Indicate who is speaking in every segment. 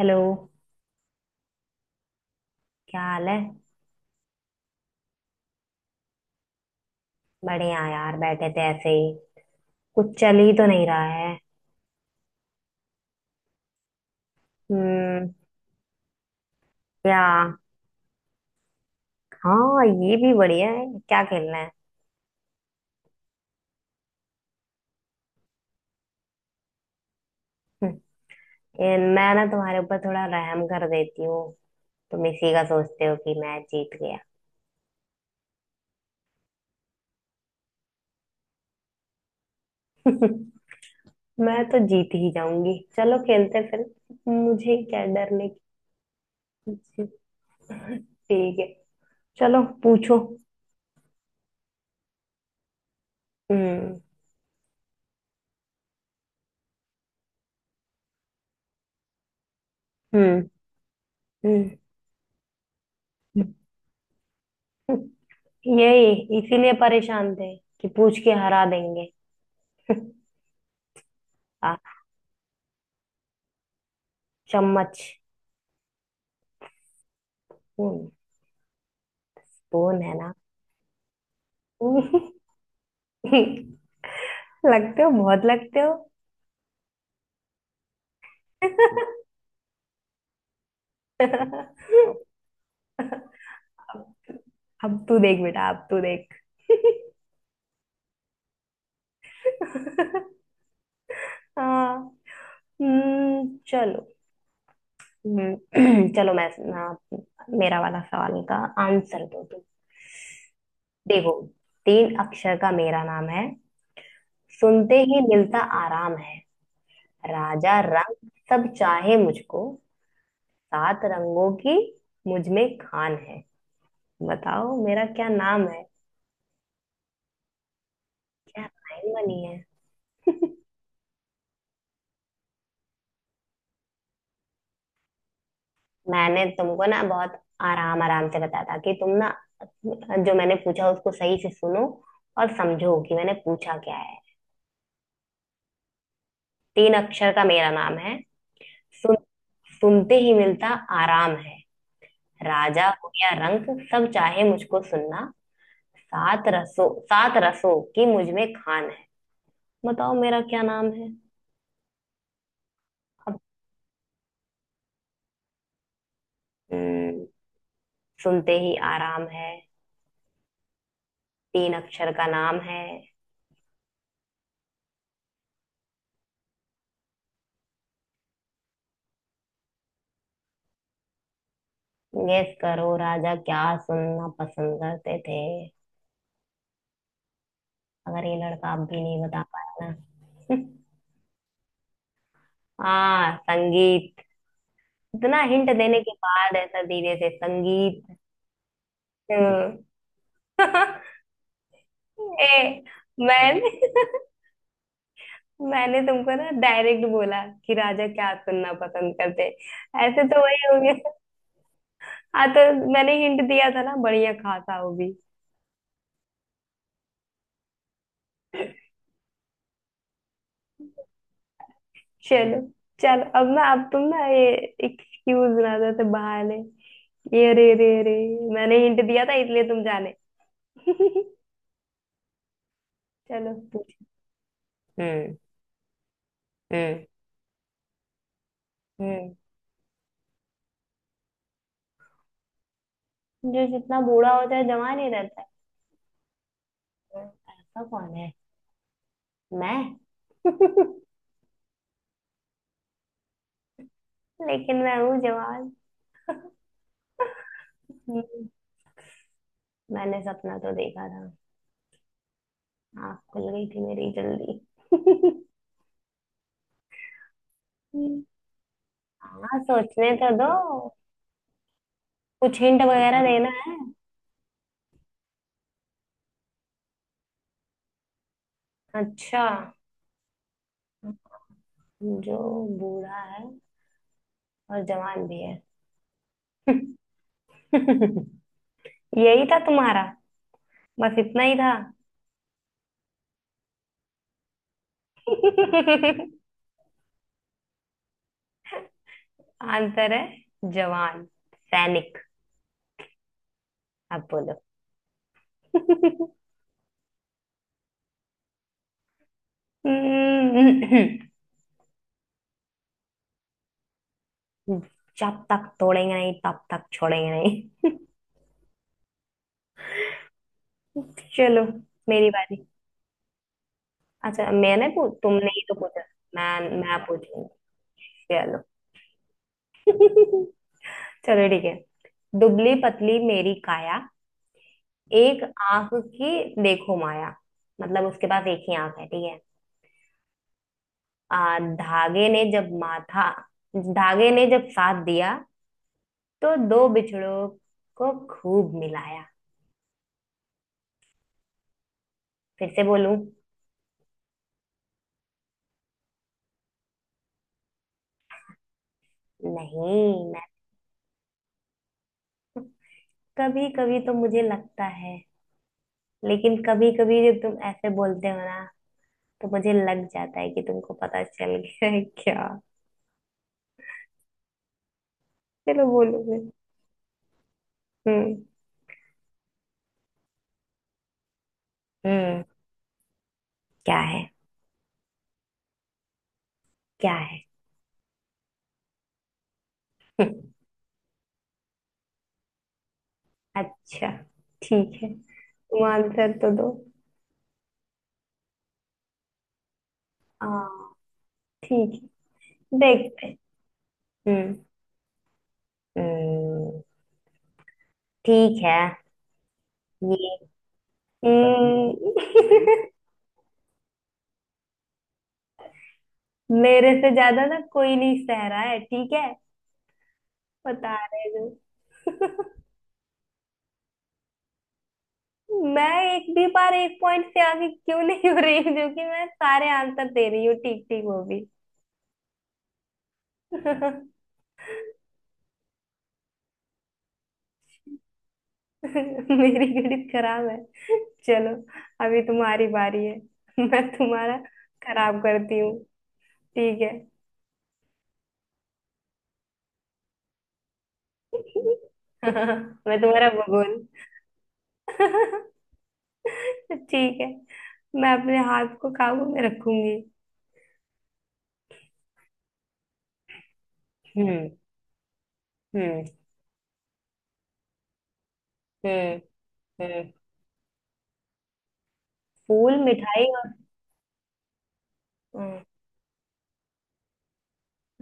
Speaker 1: Hello. क्या हाल है? बढ़िया यार, बैठे थे ऐसे ही। कुछ चल ही तो नहीं रहा है। हम्म। क्या? हाँ, ये भी बढ़िया है। क्या खेलना है? हम्म, मैं ना तुम्हारे ऊपर थोड़ा रहम कर देती हूँ। तुम इसी का सोचते हो कि मैं जीत गया। मैं तो जीत ही जाऊंगी। चलो, खेलते फिर। मुझे क्या डरने की चीज़। ठीक है। चलो, पूछो। हम्म। हम्म। हम्म। यही, इसीलिए परेशान थे कि पूछ के हरा देंगे। आ, चम्मच। हम्म, स्पून है ना? लगते हो, बहुत लगते हो। अब तू देख बेटा, अब तू देख। हाँ। चलो। हम्म, चलो, मैं ना, मेरा वाला सवाल का आंसर दो तुम। देखो, तीन अक्षर का मेरा नाम है, सुनते ही मिलता आराम है, राजा रंग सब चाहे मुझको, सात रंगों की मुझ में खान है, बताओ मेरा क्या नाम है। क्या लाइन बनी है। मैंने तुमको ना बहुत आराम आराम से बताया था कि तुम ना, जो मैंने पूछा उसको सही से सुनो और समझो कि मैंने पूछा क्या है। तीन अक्षर का मेरा नाम है, सुन, सुनते ही मिलता आराम है, राजा हो या रंक, सब चाहे मुझको सुनना, सात रसों की मुझ में खान है, बताओ मेरा क्या नाम है। अब, हम्म, सुनते ही आराम है, तीन अक्षर का नाम है। गेस करो, राजा क्या सुनना पसंद करते थे। अगर ये लड़का अब भी नहीं बता पाया ना। हाँ, संगीत। इतना हिंट देने के बाद ऐसा धीरे से संगीत। हम्म। ए, मैंने मैंने तुमको ना डायरेक्ट बोला कि राजा क्या सुनना पसंद करते। ऐसे तो वही हो गया। हाँ तो मैंने हिंट दिया था ना, बढ़िया खासा वो भी। चलो, चलो। अब ना, अब तुम ना ये एक्सक्यूज ना दो तो बहाने, ये रे रे रे, मैंने हिंट दिया था इसलिए तुम जाने। चलो, पूछो। हम्म। हम्म। हम्म। जो जितना बूढ़ा होता है जवान ही रहता है? ऐसा कौन है? मैं। लेकिन मैं हूँ जवान। हम्म, मैंने सपना तो देखा था, आँख खुल गई थी मेरी जल्दी। हाँ, सोचने तो दो। कुछ हिंट वगैरह देना है। अच्छा, जो बूढ़ा है और जवान भी है। यही था तुम्हारा? बस इतना ही था? आंसर है जवान सैनिक। अब बोलो। हम्म, जब तक तोड़ेंगे नहीं तब तक छोड़ेंगे नहीं। चलो, मेरी बारी। अच्छा, मैंने पू तुमने ही तो पूछा। मैं पूछूंगी। चलो। चलो ठीक है। दुबली पतली मेरी काया, एक आंख की देखो माया। मतलब उसके पास एक ही आंख है, ठीक है। आ, धागे ने जब माथा धागे ने जब साथ दिया, तो दो बिछड़ों को खूब मिलाया। फिर से बोलूं? नहीं। मैं, कभी कभी तो मुझे लगता है, लेकिन कभी कभी जब तुम ऐसे बोलते हो ना, तो मुझे लग जाता है कि तुमको पता चल गया है क्या। चलो, बोलो फिर। हम्म। हम्म। क्या है? क्या है? अच्छा, ठीक है। तुम आंसर तो दो। हाँ, ठीक है, देखते हैं। हम्म। हम्म। ठीक है। ये, हम्म, मेरे से ज्यादा ना कोई नहीं सह रहा है ठीक है। बता रहे जो, मैं एक भी बार एक पॉइंट से आगे क्यों नहीं हो रही, जो कि मैं सारे आंसर दे रही हूँ ठीक ठीक, वो भी। मेरी गणित खराब है। चलो, अभी तुम्हारी बारी है। मैं तुम्हारा खराब करती हूँ। ठीक है। मैं तुम्हारा भगोन। ठीक है, मैं अपने हाथ को काबू में रखूंगी। हम्म। हम्म। हम्म। हम्म। फूल मिठाई और, हम्म,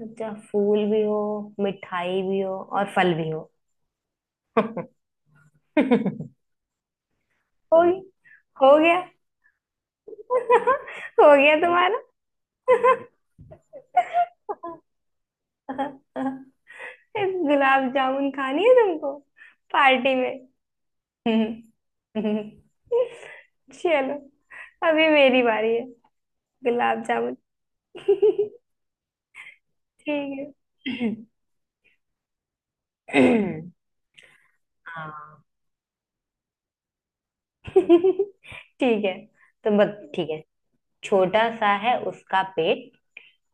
Speaker 1: अच्छा, फूल भी हो, मिठाई भी हो और फल भी हो। हो गई- हो गया। हो गया तुम्हारा। गुलाब जामुन खानी है तुमको पार्टी में। हम्म। हम्म। चलो, अभी मेरी बारी है। गुलाब जामुन। ठीक। है हाँ, ठीक है। तो बस, ठीक है। छोटा सा है उसका पेट,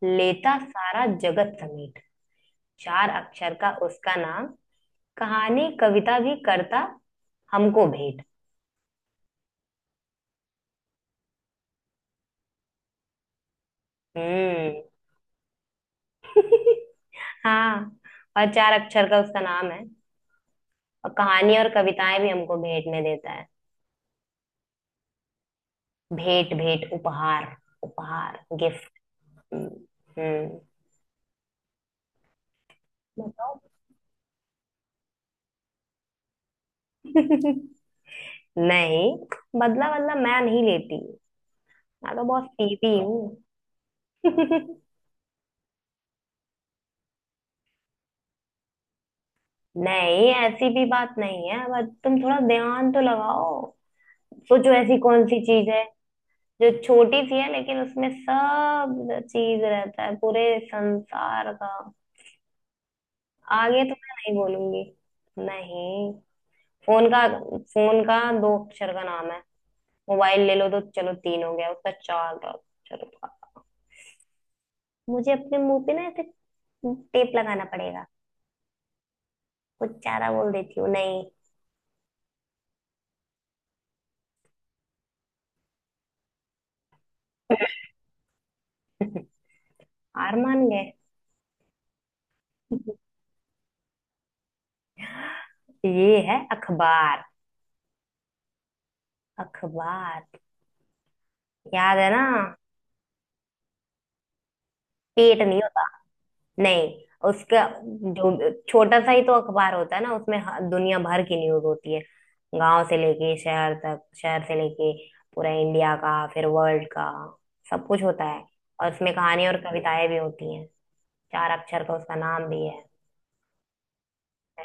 Speaker 1: लेता सारा जगत समेट, चार अक्षर का उसका नाम, कहानी कविता भी करता हमको भेंट। हम्म। हाँ, और चार अक्षर का उसका नाम है, और कहानी और कविताएं भी हमको भेंट में देता है। भेंट, भेंट उपहार, उपहार गिफ्ट। हम्म। हम्म। बताओ। नहीं, बदला बदला मैं नहीं लेती, मैं तो बहुत सीधी हूँ। नहीं, ऐसी भी बात नहीं है, बट तुम थोड़ा ध्यान तो लगाओ। सोचो, ऐसी कौन सी चीज है जो छोटी सी है लेकिन उसमें सब चीज रहता है पूरे संसार का। आगे तो मैं नहीं बोलूंगी। नहीं। फोन का फोन का दो अक्षर का नाम है, मोबाइल ले लो तो चलो तीन हो गया, उसका चार का अक्षर का। मुझे अपने मुंह पे ना ऐसे टेप लगाना पड़ेगा। कुछ चारा बोल देती हूँ, नहीं। हार मान गए? ये है अखबार। अखबार, याद है ना? पेट नहीं होता। नहीं, उसका, जो छोटा सा ही तो अखबार होता है ना, उसमें दुनिया भर की न्यूज होती है। गांव से लेके शहर तक, शहर से लेके पूरा इंडिया का, फिर वर्ल्ड का सब कुछ होता है। और उसमें कहानी और कविताएं भी होती हैं। चार अक्षर का उसका नाम भी है।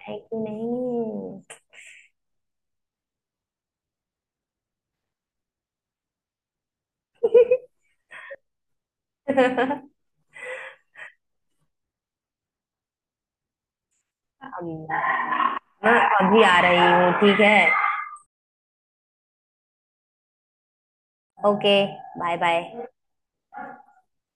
Speaker 1: है कि नहीं? अब मैं अभी आ रही हूँ, ठीक है। Okay, bye bye.